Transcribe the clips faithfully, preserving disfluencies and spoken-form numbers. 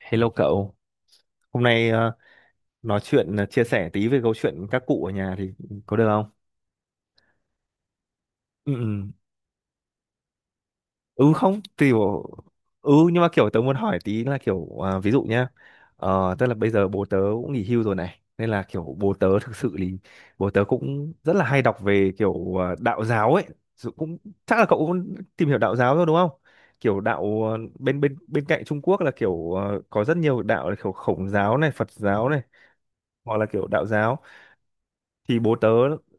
Hello cậu, hôm nay ờ, nói chuyện, ờ, chia sẻ tí về câu chuyện các cụ ở nhà thì có được không? Ừ, ừ. Ừ, không, tùy bộ. Ừ, nhưng mà kiểu tớ muốn hỏi tí là kiểu à, ví dụ nhá, Ờ, tức là bây giờ bố tớ cũng nghỉ hưu rồi này, nên là kiểu bố tớ thực sự thì bố tớ cũng rất là hay đọc về kiểu ờ, đạo giáo ấy. Dù cũng chắc là cậu cũng tìm hiểu đạo giáo rồi đúng không? Kiểu đạo, ờ, bên bên bên cạnh Trung Quốc là kiểu ờ, có rất nhiều đạo là kiểu Khổng giáo này, Phật giáo này, hoặc là kiểu đạo giáo, thì bố tớ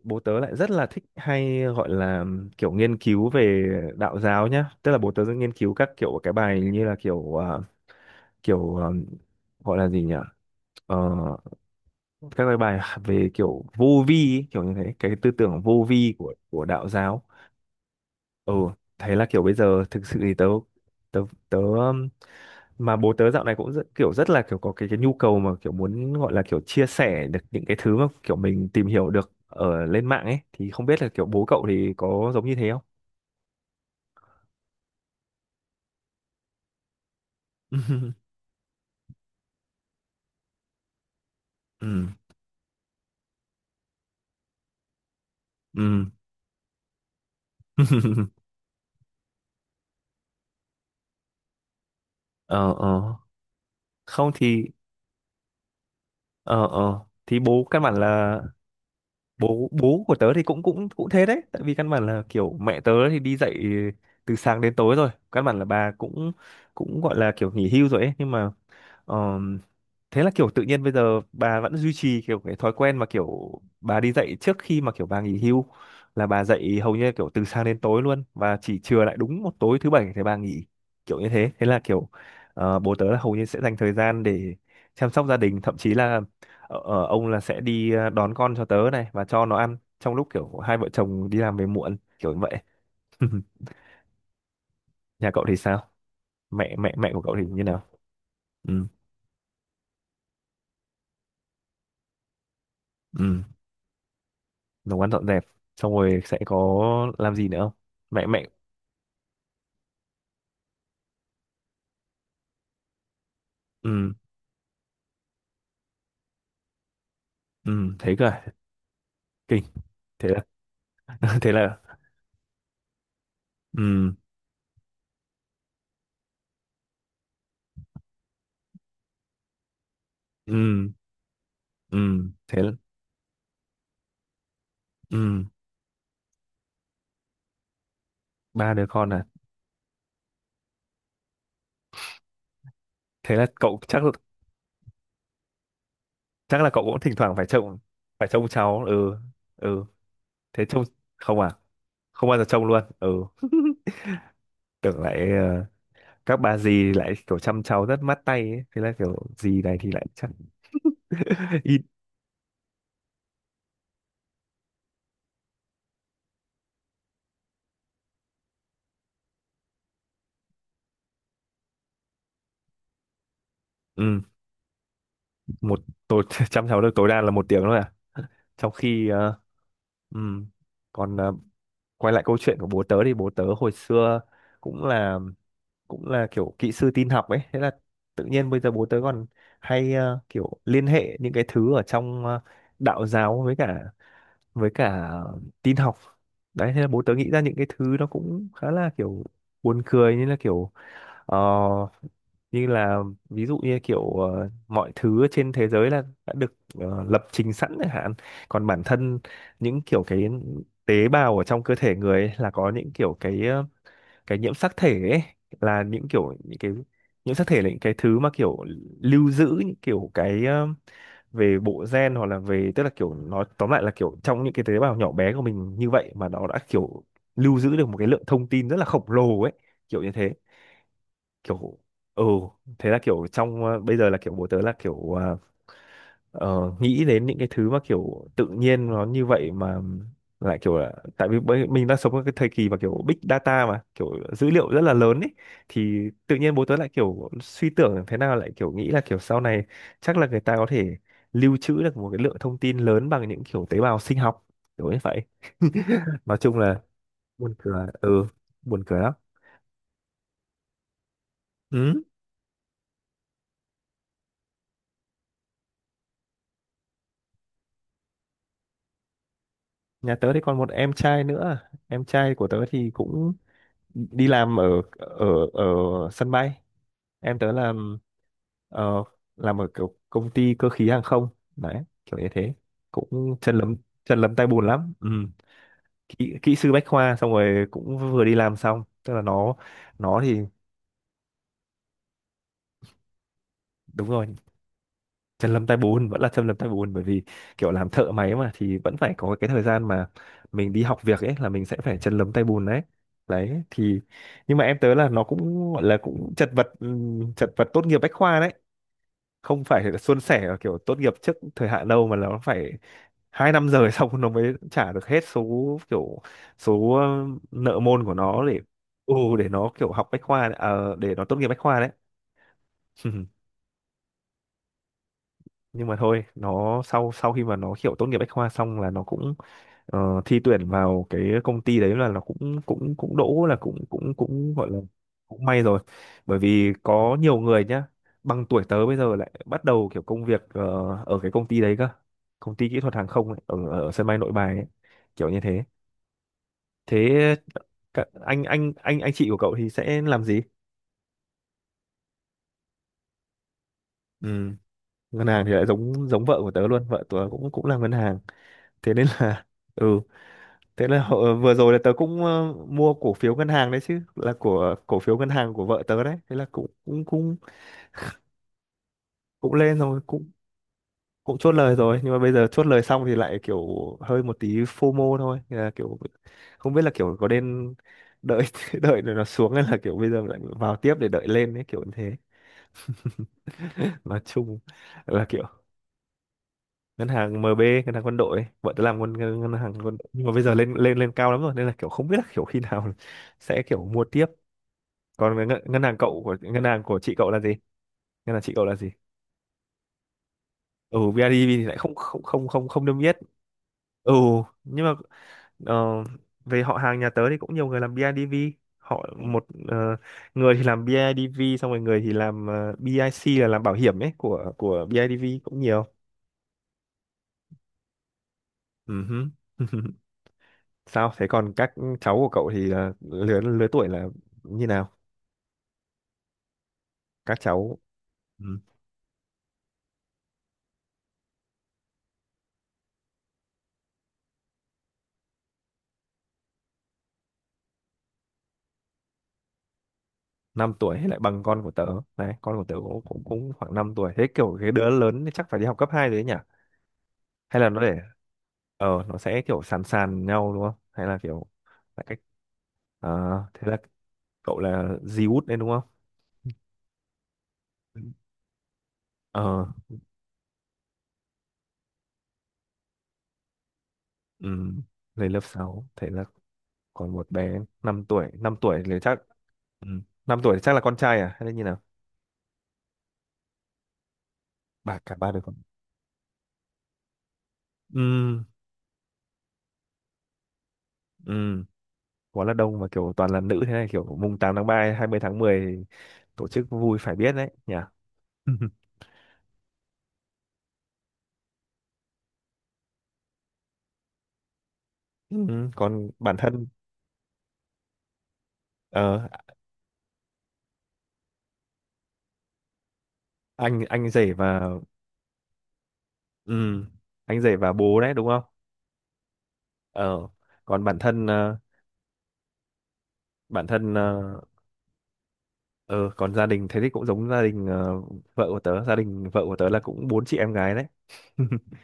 bố tớ lại rất là thích hay gọi là kiểu nghiên cứu về đạo giáo nhá, tức là bố tớ rất nghiên cứu các kiểu cái bài như là kiểu à, kiểu à, gọi là gì nhỉ, Ờ, các cái bài về kiểu vô vi ấy, kiểu như thế cái tư tưởng vô vi của của đạo giáo. Ừ, thế là kiểu bây giờ thực sự thì tớ tớ tớ um, mà bố tớ dạo này cũng rất, kiểu rất là kiểu có cái cái nhu cầu mà kiểu muốn gọi là kiểu chia sẻ được những cái thứ mà kiểu mình tìm hiểu được ở lên mạng ấy thì không biết là kiểu bố cậu thì có giống như thế không. Ừ, ừ. Ờ, ờ. Không thì ờ, ờ, thì bố căn bản là bố bố của tớ thì cũng cũng cũng thế đấy, tại vì căn bản là kiểu mẹ tớ thì đi dạy từ sáng đến tối rồi, căn bản là bà cũng cũng gọi là kiểu nghỉ hưu rồi ấy, nhưng mà thế là kiểu tự nhiên bây giờ bà vẫn duy trì kiểu cái thói quen mà kiểu bà đi dạy trước khi mà kiểu bà nghỉ hưu, là bà dạy hầu như kiểu từ sáng đến tối luôn và chỉ chừa lại đúng một tối thứ bảy thì bà nghỉ, kiểu như thế, thế là kiểu ờ, bố tớ là hầu như sẽ dành thời gian để chăm sóc gia đình, thậm chí là ờ, ờ, ông là sẽ đi ờ, đón con cho tớ này và cho nó ăn trong lúc kiểu hai vợ chồng đi làm về muộn, kiểu như vậy. Nhà cậu thì sao? Mẹ mẹ mẹ của cậu thì như nào? Ừ, ừ, nấu ăn dọn dẹp xong rồi sẽ có làm gì nữa không? Mẹ mẹ Ừ, ừ, thế cơ à? Kinh. Thế là thế là ừ, ừ ừ, thế là, ừ. Ba đứa con à? Thế là cậu, chắc chắc là cậu cũng thỉnh thoảng phải trông phải trông cháu. Ừ, ừ, thế trông không à? Không bao giờ trông luôn. Ừ, tưởng lại, ờ, các bà dì lại kiểu chăm cháu rất mát tay ấy. Thế là kiểu dì này thì lại chắc ít. Ừ, một tối chăm cháu được tối đa là một tiếng thôi à? Trong khi ờ, ừm, còn ờ, quay lại câu chuyện của bố tớ thì bố tớ hồi xưa cũng là cũng là kiểu kỹ sư tin học ấy, thế là tự nhiên bây giờ bố tớ còn hay ờ, kiểu liên hệ những cái thứ ở trong, ờ, đạo giáo với cả với cả tin học đấy, thế là bố tớ nghĩ ra những cái thứ nó cũng khá là kiểu buồn cười, như là kiểu Ờ, như là, ví dụ như kiểu ờ, mọi thứ trên thế giới là đã được ờ, lập trình sẵn chẳng hạn. Còn bản thân những kiểu cái tế bào ở trong cơ thể người ấy là có những kiểu cái, ờ, cái nhiễm sắc thể ấy, là những kiểu những cái nhiễm sắc thể là những cái thứ mà kiểu lưu giữ những kiểu cái, ờ, về bộ gen, hoặc là về, tức là kiểu nói tóm lại là kiểu trong những cái tế bào nhỏ bé của mình như vậy mà nó đã kiểu lưu giữ được một cái lượng thông tin rất là khổng lồ ấy, kiểu như thế, kiểu ừ. Thế là kiểu trong, ờ, bây giờ là kiểu bố tớ là kiểu ờ, ờ, nghĩ đến những cái thứ mà kiểu tự nhiên nó như vậy, mà lại kiểu là tại vì bây- mình đang sống trong cái thời kỳ mà kiểu big data mà kiểu dữ liệu rất là lớn ấy, thì tự nhiên bố tớ lại kiểu suy tưởng thế nào lại kiểu nghĩ là kiểu sau này chắc là người ta có thể lưu trữ được một cái lượng thông tin lớn bằng những kiểu tế bào sinh học, kiểu như vậy. Nói chung là buồn cười. Ừ, buồn cười lắm. Ừ, nhà tớ thì còn một em trai nữa, em trai của tớ thì cũng đi làm ở ở ở sân bay. Em tớ làm, ờ, làm ở kiểu công ty cơ khí hàng không, đấy kiểu như thế, cũng chân lấm chân lấm tay bùn lắm ừ. Kỹ, kỹ sư bách khoa xong rồi cũng vừa đi làm xong, tức là nó nó thì đúng rồi, chân lâm tay bùn vẫn là chân lâm tay bùn, bởi vì kiểu làm thợ máy mà thì vẫn phải có cái thời gian mà mình đi học việc ấy là mình sẽ phải chân lấm tay bùn đấy, đấy thì nhưng mà em tớ là nó cũng gọi là cũng chật vật, ừm, chật vật tốt nghiệp bách khoa đấy, không phải là suôn sẻ ở kiểu tốt nghiệp trước thời hạn đâu, mà là nó phải hai năm rồi xong nó mới trả được hết số, kiểu số ừm, nợ môn của nó để, ừ, để nó kiểu học bách khoa đấy, à, để nó tốt nghiệp bách khoa đấy. Nhưng mà thôi, nó sau sau khi mà nó kiểu tốt nghiệp bách khoa xong là nó cũng ờ, thi tuyển vào cái công ty đấy, là nó cũng cũng cũng đỗ, là cũng cũng cũng gọi là cũng may rồi, bởi vì có nhiều người nhá, bằng tuổi tớ bây giờ lại bắt đầu kiểu công việc, ờ, ở cái công ty đấy cơ, công ty kỹ thuật hàng không ấy, ở ở sân bay Nội Bài ấy, kiểu như thế. Thế các- anh anh anh anh chị của cậu thì sẽ làm gì? Ừ, ngân hàng thì lại giống giống vợ của tớ luôn, vợ tớ cũng cũng làm ngân hàng, thế nên là ừ. Thế là hậu- vừa rồi là tớ cũng ờ, mua cổ phiếu ngân hàng đấy chứ, là của cổ phiếu ngân hàng của vợ tớ đấy. Thế là cũng cũng cũng cũng lên rồi, cũng cũng chốt lời rồi, nhưng mà bây giờ chốt lời xong thì lại kiểu hơi một tí FOMO thôi. Thế là kiểu không biết là kiểu có nên đợi đợi rồi nó xuống hay là kiểu bây giờ lại vào tiếp để đợi lên ấy, kiểu như thế. Nói chung là kiểu ngân hàng em bê, ngân hàng quân đội, ấy. Vợ tớ làm ngân ngân ngân hàng quân đội. Nhưng mà bây giờ lên lên lên cao lắm rồi, nên là kiểu không biết là kiểu khi nào sẽ kiểu mua tiếp. Còn ngân, ngân hàng cậu, của ngân hàng của chị cậu là gì, ngân hàng chị cậu là gì? Ừ, bê i đê vê thì lại không không không không không đâm biết. Ừ, nhưng mà, ờ, về họ hàng nhà tớ thì cũng nhiều người làm bê i đê vê, họ một, ờ, người thì làm bê i đê vê xong rồi người thì làm, ờ, bíc là làm bảo hiểm ấy của của bê i đê vê cũng nhiều. Ừ hứ. Sao thế, còn các cháu của cậu thì là lứa lứa tuổi là như nào, các cháu? Ừ, năm tuổi thì lại bằng con của tớ đấy, con của tớ cũng cũng, cũng khoảng năm tuổi, thế kiểu cái đứa lớn thì chắc phải đi học cấp hai rồi đấy nhỉ, hay là nó để, ờ, nó sẽ kiểu sàn sàn nhau đúng không, hay là kiểu là cách, à, thế là cậu là di út đấy đúng không, ờ. Ừ, lên lớp sáu. Thế là còn một bé năm tuổi, năm tuổi thì chắc ừ. năm tuổi thì chắc là con trai à hay là như nào? Bà, cả ba đứa con. Ừ, ừ, quá là đông và kiểu toàn là nữ thế này, kiểu mùng tám tháng ba, hai mươi tháng mười, tổ chức vui phải biết đấy nhỉ. Ừ. Còn bản thân ờ, anh anh rể và ừ, anh rể và bố đấy đúng không? ờ Còn bản thân ờ, bản thân ờ ờ, còn gia đình thế thì cũng giống gia đình ờ, vợ của tớ gia đình vợ của tớ là cũng bốn chị em gái đấy.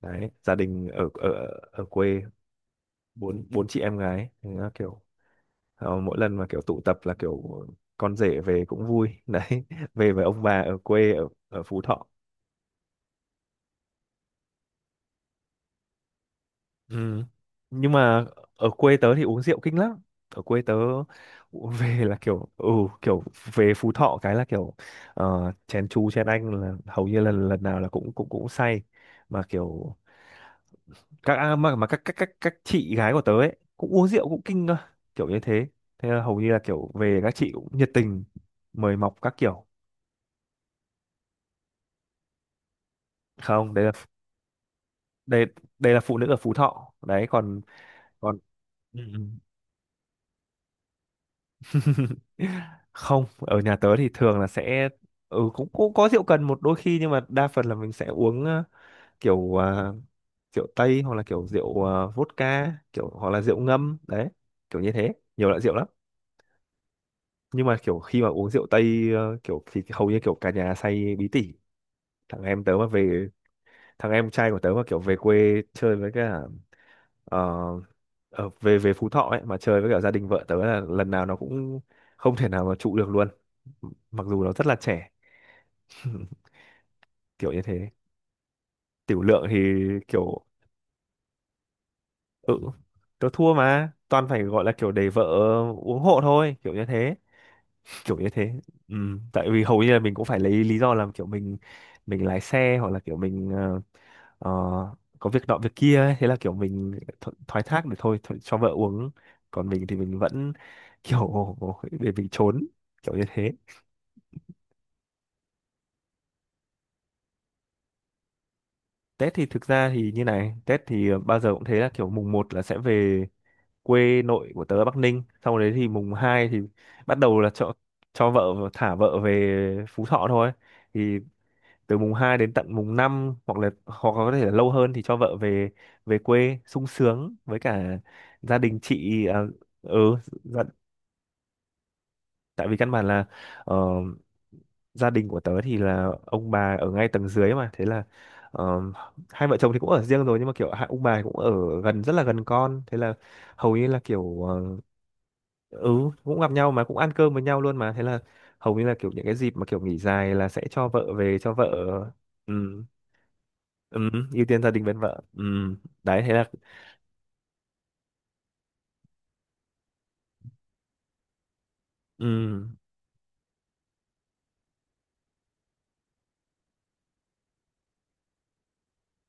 Đấy, gia đình ở ở ở quê. Bốn Bốn chị em gái. Thế là kiểu ờ, mỗi lần mà kiểu tụ tập là kiểu con rể về cũng vui đấy. Về với ông bà ở quê, ở ở Phú Thọ. Ừ. Nhưng mà ở quê tớ thì uống rượu kinh lắm. Ở quê tớ u- về là kiểu ừ kiểu về Phú Thọ cái là kiểu ờ, chén chú chén anh là hầu như lần lần nào là cũng cũng cũng say, mà kiểu các à, mà, mà các các các các chị gái của tớ ấy cũng uống rượu cũng kinh cơ, kiểu như thế. Thế là hầu như là kiểu về các chị cũng nhiệt tình mời mọc các kiểu. Không, đây là đây đây là phụ nữ ở Phú Thọ. Đấy còn còn ừ. Ừ. Không, ở nhà tớ thì thường là sẽ ừ cũng cũng có rượu cần một đôi khi, nhưng mà đa phần là mình sẽ uống ờ, kiểu ờ, rượu tây hoặc là kiểu rượu ờ, vodka, kiểu hoặc là rượu ngâm đấy, kiểu như thế, nhiều loại rượu lắm. Nhưng mà kiểu khi mà uống rượu tây ờ, kiểu thì hầu như kiểu cả nhà say bí tỉ. thằng em tớ mà về Thằng em trai của tớ mà kiểu về quê chơi với cả, uh, về về Phú Thọ ấy, mà chơi với cả gia đình vợ tớ là lần nào nó cũng không thể nào mà trụ được luôn, mặc dù nó rất là trẻ. Kiểu như thế. Tiểu lượng thì kiểu ừ tớ thua, mà toàn phải gọi là kiểu để vợ uống hộ thôi, kiểu như thế, kiểu như thế. Ừ. Tại vì hầu như là mình cũng phải lấy lý do là kiểu mình mình lái xe hoặc là kiểu mình ờ, ờ, có việc nọ việc kia ấy. Thế là kiểu mình tho thoái thác được thôi, thôi cho vợ uống, còn mình thì mình vẫn kiểu để mình trốn, kiểu như thế. Tết thì thực ra thì như này, Tết thì bao giờ cũng thế, là kiểu mùng một là sẽ về quê nội của tớ ở Bắc Ninh, sau đấy thì mùng hai thì bắt đầu là cho cho vợ, thả vợ về Phú Thọ thôi. Thì từ mùng hai đến tận mùng năm hoặc là hoặc có thể là lâu hơn thì cho vợ về, về quê sung sướng với cả gia đình chị à, ừ. Dạ, tại vì căn bản là ờ, gia đình của tớ thì là ông bà ở ngay tầng dưới mà, thế là ờ, hai vợ chồng thì cũng ở riêng rồi, nhưng mà kiểu hai ông bà cũng ở gần, rất là gần con, thế là hầu như là kiểu ờ, ừ cũng gặp nhau mà cũng ăn cơm với nhau luôn, mà thế là hầu như là kiểu những cái dịp mà kiểu nghỉ dài là sẽ cho vợ về, cho vợ ừ ừ ưu tiên gia đình bên vợ, ừ đấy thế là ừ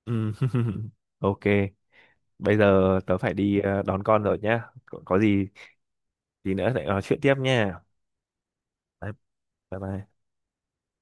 ừ. Ok, bây giờ tớ phải đi ờ, đón con rồi nhá, có có gì tí nữa lại nói chuyện tiếp nha. Đấy, bye bye.